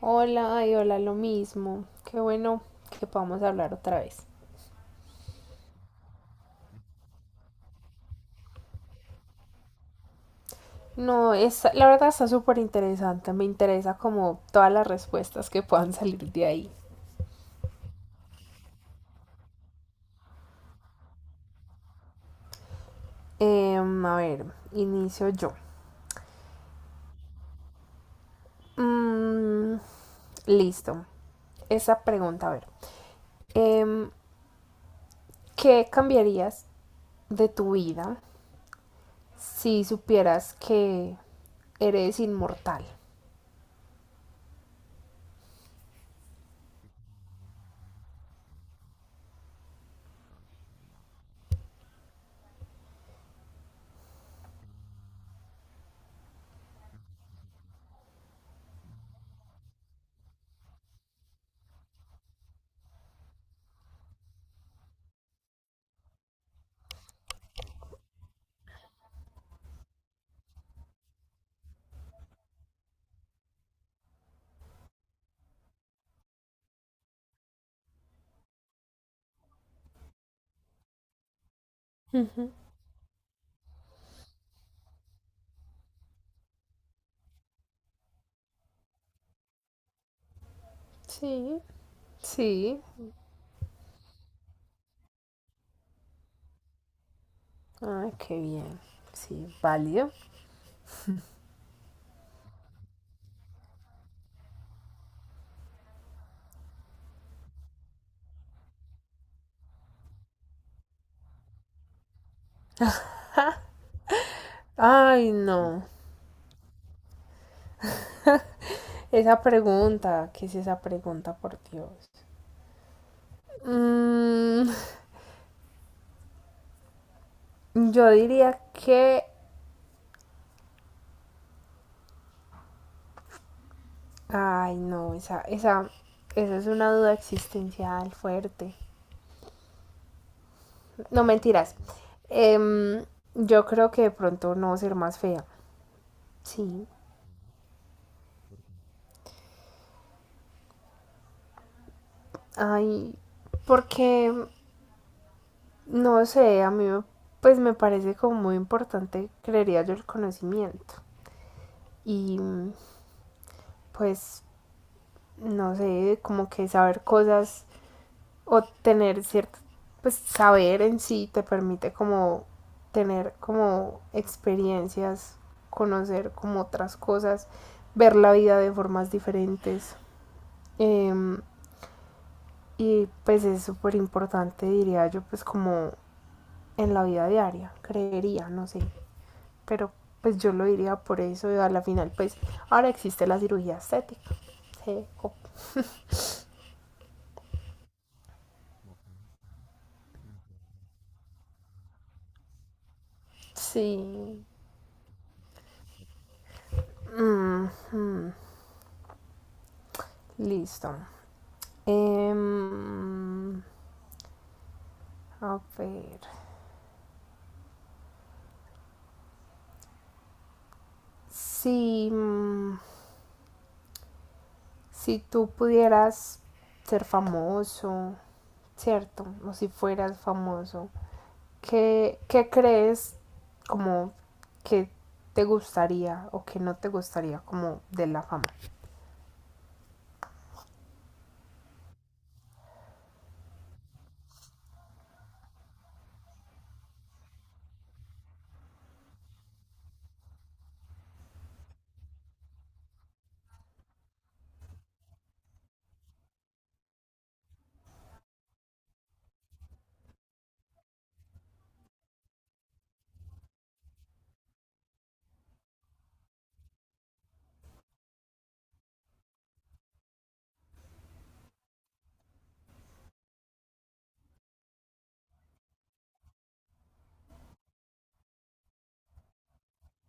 Hola, ay, hola, lo mismo. Qué bueno que podamos hablar otra vez. No, es, la verdad está súper interesante. Me interesa como todas las respuestas que puedan salir de ahí. A ver, inicio yo. Mm, listo. Esa pregunta, a ver. Em, ¿Qué cambiarías de tu vida si supieras que eres inmortal? Ujú. Sí, sí. Ay, qué bien. Sí, válido. Ay, no. Esa pregunta, ¿qué es esa pregunta, por Dios? Mm, yo diría que... Ay, no, esa es una duda existencial fuerte. No mentiras. Em, yo creo que de pronto no ser más fea. Sí. Ay, porque, no sé, pues me parece como muy importante, creería yo, el conocimiento. Y pues no sé, como que saber cosas o tener cierto, pues saber en sí te permite como tener como experiencias, conocer como otras cosas, ver la vida de formas diferentes. Eh, y pues es súper importante, diría yo, pues como en la vida diaria, creería, no sé, pero pues yo lo diría por eso y a la final pues ahora existe la cirugía estética. Sí. Oh, sí. Mm, mm. Listo. Em, a ver. Si, mm, si tú pudieras ser famoso, ¿cierto? O si fueras famoso, ¿qué crees como que te gustaría o que no te gustaría como de la fama?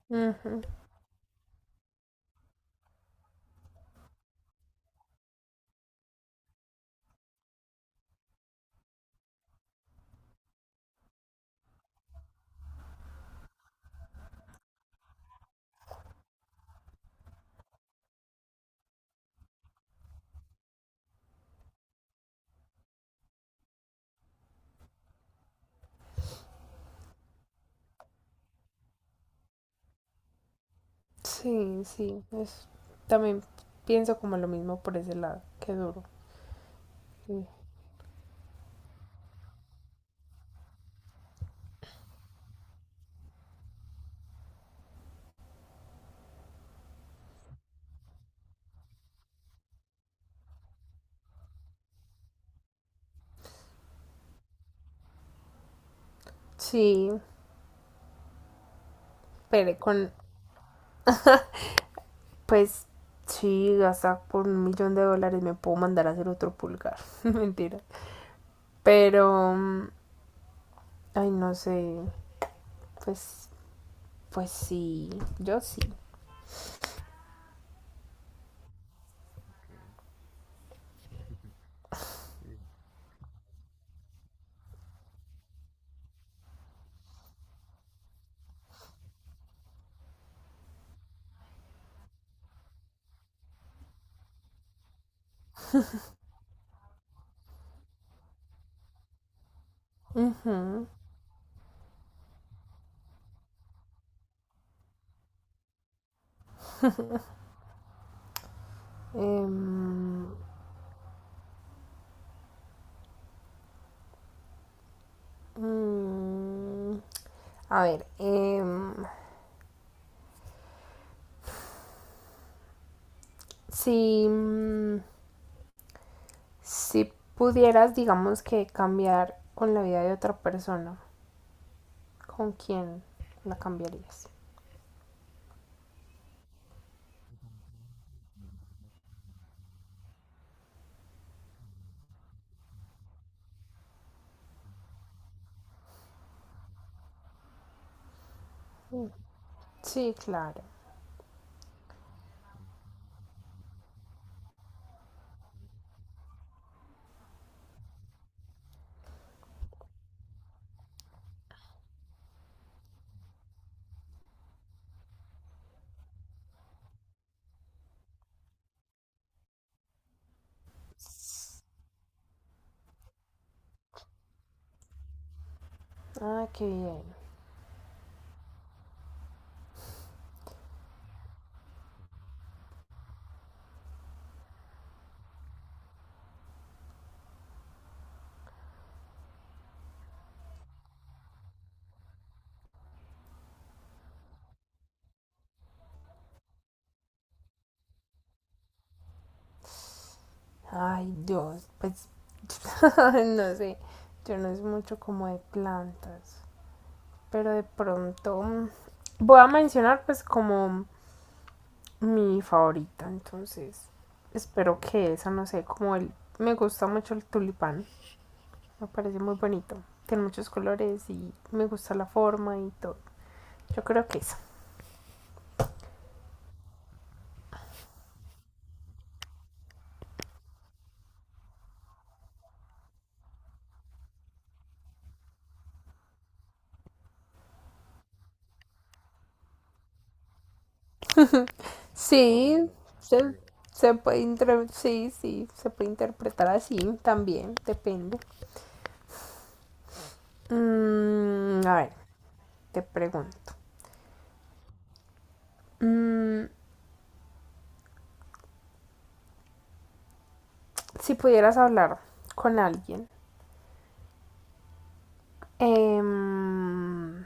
Ujú. Sí, sí. También pienso como lo mismo por ese lado. Qué duro. Sí, sí, pero con pues sí, hasta por $1 millón me puedo mandar a hacer otro pulgar. Mentira. Pero, mm, ay, no sé. Pues, pues sí, yo sí. Ujú. Em, mm, a ver, si, mm, si pudieras, digamos que cambiar con la vida de otra persona, ¿con quién la cambiarías? Sí, claro. Ah, qué bien. Ay, Dios, pues no sé, yo no es mucho como de plantas, pero de pronto mm, voy a mencionar pues como mi favorita, entonces espero que esa, no sé, como el, me gusta mucho el tulipán, me parece muy bonito, tiene muchos colores y me gusta la forma y todo, yo creo que esa. Sí, se, se puede sí, sí, se puede interpretar así también, depende. Mm, a ver, te pregunto, mm, si pudieras hablar con alguien, em,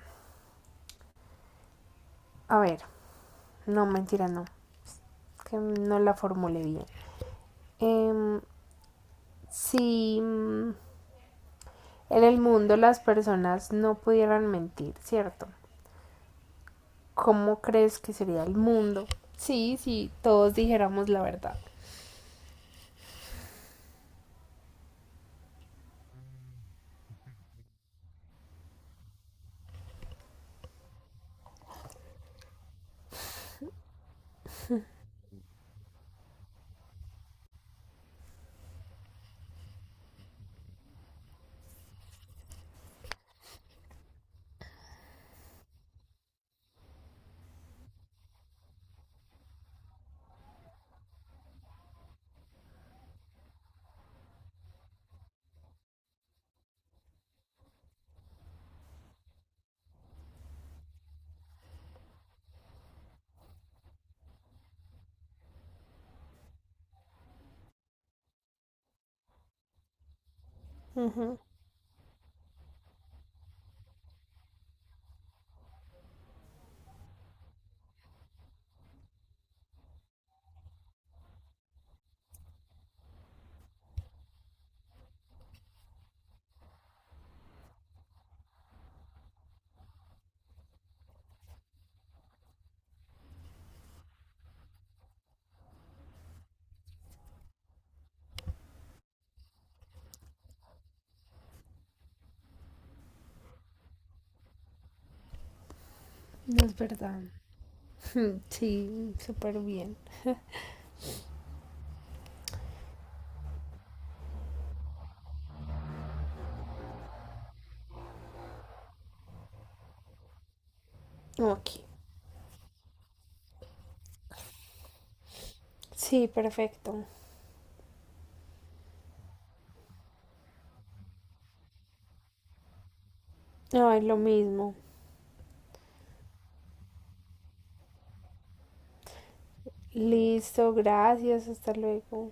a ver, no, mentira, no, que no la formule bien. Em, si mm, en el mundo las personas no pudieran mentir, ¿cierto? ¿Cómo crees que sería el mundo? Sí, sí, todos dijéramos la verdad. No es verdad. Sí, súper bien. Ok. Sí, perfecto. Ay, lo mismo. Listo, gracias, hasta luego.